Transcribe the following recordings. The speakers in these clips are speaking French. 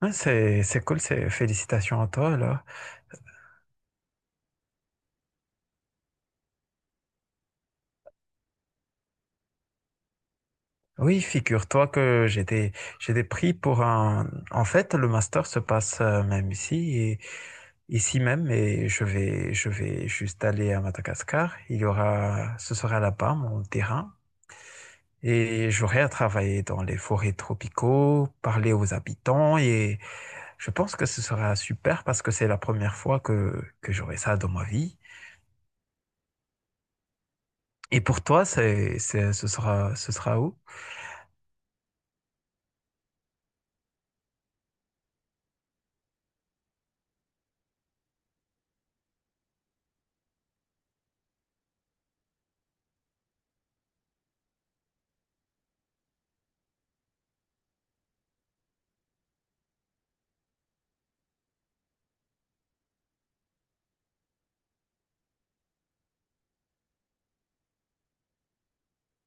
Ah, c'est cool, c'est, félicitations à toi, là. Oui, figure-toi que j'ai des prix pour un, en fait, le master se passe même ici et, ici même, et je vais juste aller à Madagascar. Il y aura, ce sera là-bas, mon terrain. Et j'aurai à travailler dans les forêts tropicaux, parler aux habitants, et je pense que ce sera super parce que c'est la première fois que j'aurai ça dans ma vie. Et pour toi, c'est, ce sera où?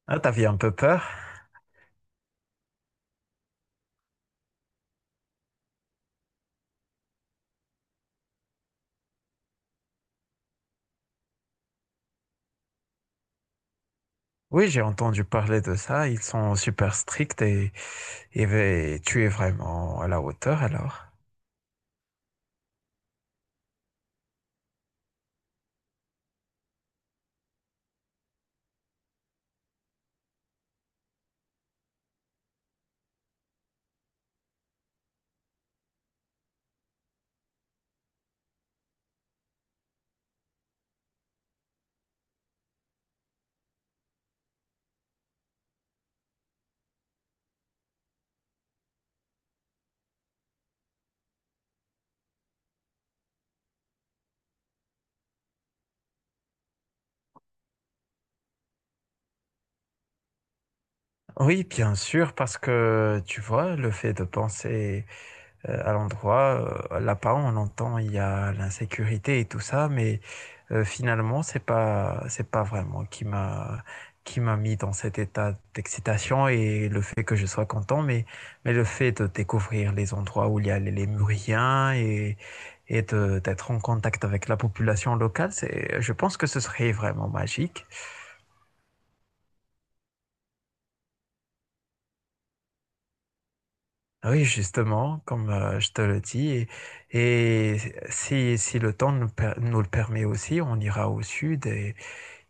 Ah, t'avais un peu peur? Oui, j'ai entendu parler de ça. Ils sont super stricts et tu es vraiment à la hauteur alors. Oui, bien sûr, parce que tu vois, le fait de penser à l'endroit. Là-bas, on entend il y a l'insécurité et tout ça, mais finalement, c'est pas vraiment qui m'a mis dans cet état d'excitation et le fait que je sois content, mais le fait de découvrir les endroits où il y a les lémuriens et d'être en contact avec la population locale, c'est je pense que ce serait vraiment magique. Oui, justement, comme je te le dis, et si, si le temps nous, nous le permet aussi, on ira au sud.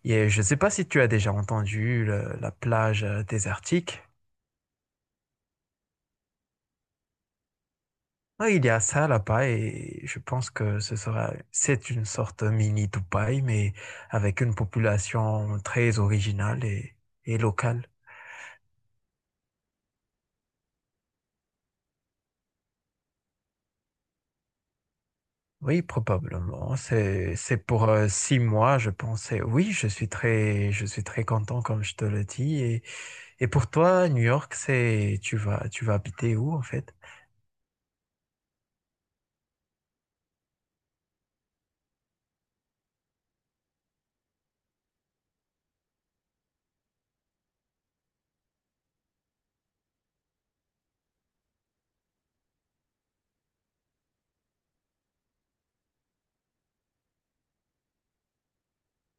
Et je ne sais pas si tu as déjà entendu la plage désertique. Oui, il y a ça là-bas et je pense que ce sera, c'est une sorte mini Dubaï, mais avec une population très originale et locale. Oui, probablement. C'est pour 6 mois, je pense. Et oui, je suis très content, comme je te le dis. Et pour toi, New York, c'est tu vas habiter où en fait?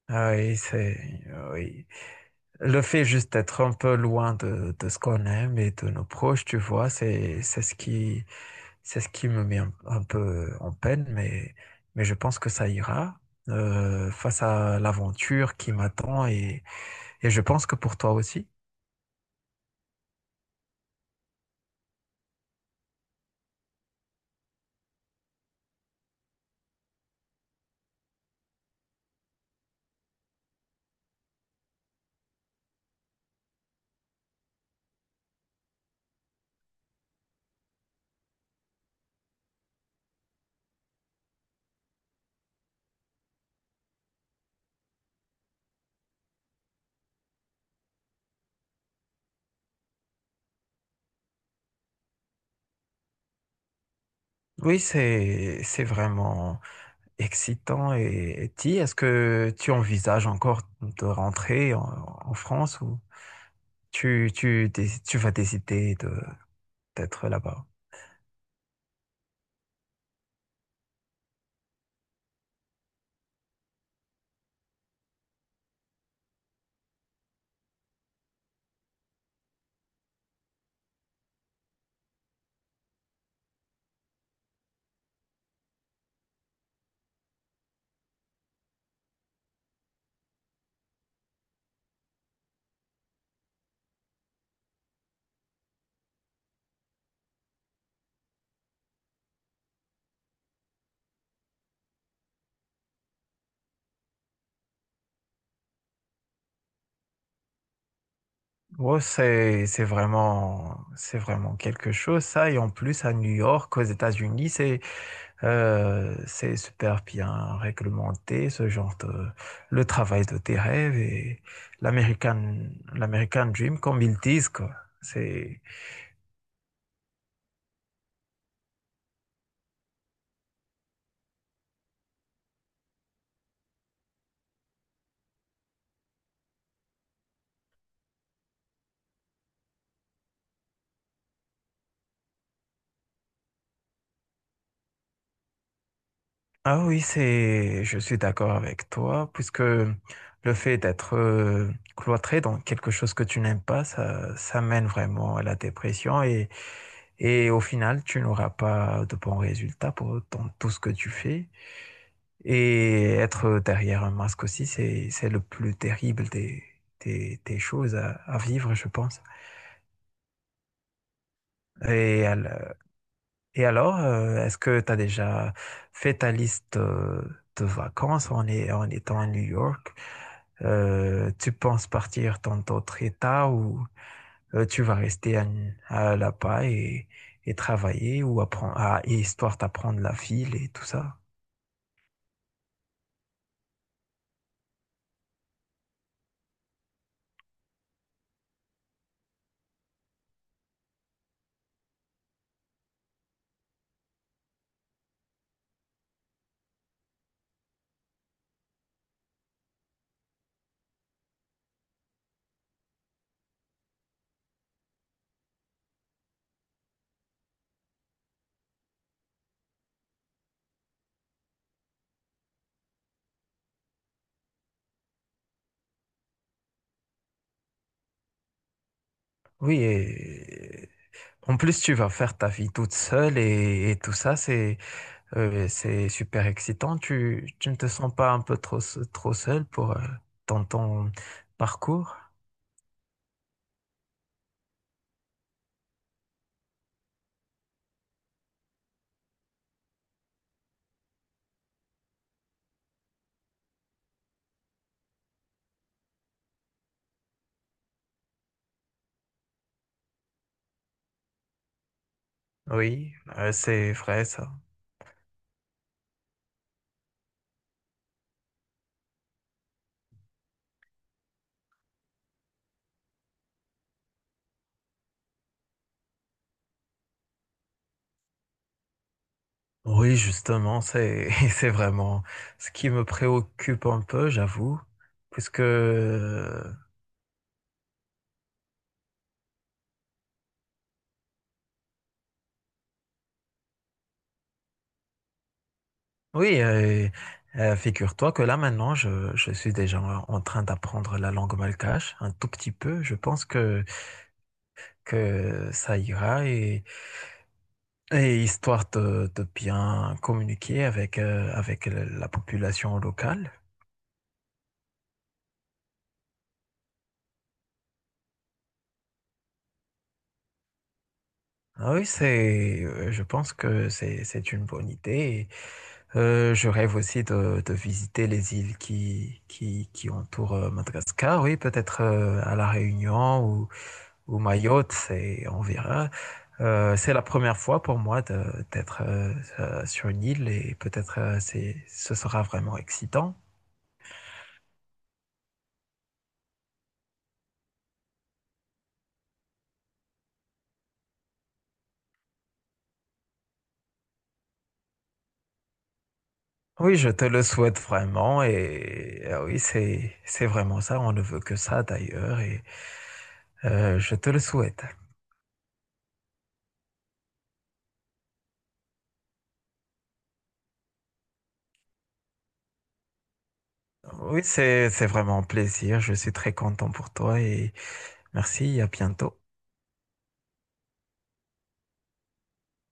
Ah oui, c'est ah oui. Le fait juste d'être un peu loin de ce qu'on aime et de nos proches, tu vois, c'est ce qui me met un peu en peine, mais je pense que ça ira face à l'aventure qui m'attend, et je pense que pour toi aussi. Oui, c'est vraiment excitant, et ti, est-ce que tu envisages encore de rentrer en, en France, ou tu, tu vas décider de, d'être là-bas. Ouais, c'est vraiment quelque chose, ça. Et en plus, à New York, aux États-Unis, c'est super bien réglementé, ce genre de, le travail de tes rêves et l'American, l'American Dream, comme ils disent, quoi. C'est, ah oui, c'est, je suis d'accord avec toi, puisque le fait d'être cloîtré dans quelque chose que tu n'aimes pas, ça mène vraiment à la dépression et au final, tu n'auras pas de bons résultats pour, dans tout ce que tu fais. Et être derrière un masque aussi, c'est le plus terrible des choses à vivre, je pense. Et à la- et alors, est-ce que tu as déjà fait ta liste de vacances en, en étant à New York? Tu penses partir dans d'autres états, ou tu vas rester à là-bas, et travailler ou apprendre, à, et histoire d'apprendre la ville et tout ça? Oui, et en plus tu vas faire ta vie toute seule, et tout ça, c'est super excitant. Tu ne te sens pas un peu trop, trop seul pour, dans ton parcours? Oui, c'est vrai ça. Oui, justement, c'est, c'est vraiment ce qui me préoccupe un peu, j'avoue, puisque, oui, figure-toi que là maintenant, je suis déjà en en train d'apprendre la langue malgache, un tout petit peu. Je pense que ça ira. Et histoire de bien communiquer avec, avec la population locale. Ah oui, c'est, je pense que c'est une bonne idée. Je rêve aussi de visiter les îles qui entourent Madagascar. Oui, peut-être à La Réunion, ou Mayotte, c'est, on verra. C'est la première fois pour moi d'être sur une île et peut-être c'est, ce sera vraiment excitant. Oui, je te le souhaite vraiment, et ah oui, c'est vraiment ça. On ne veut que ça d'ailleurs et je te le souhaite. Oui, c'est vraiment un plaisir. Je suis très content pour toi et merci. À bientôt.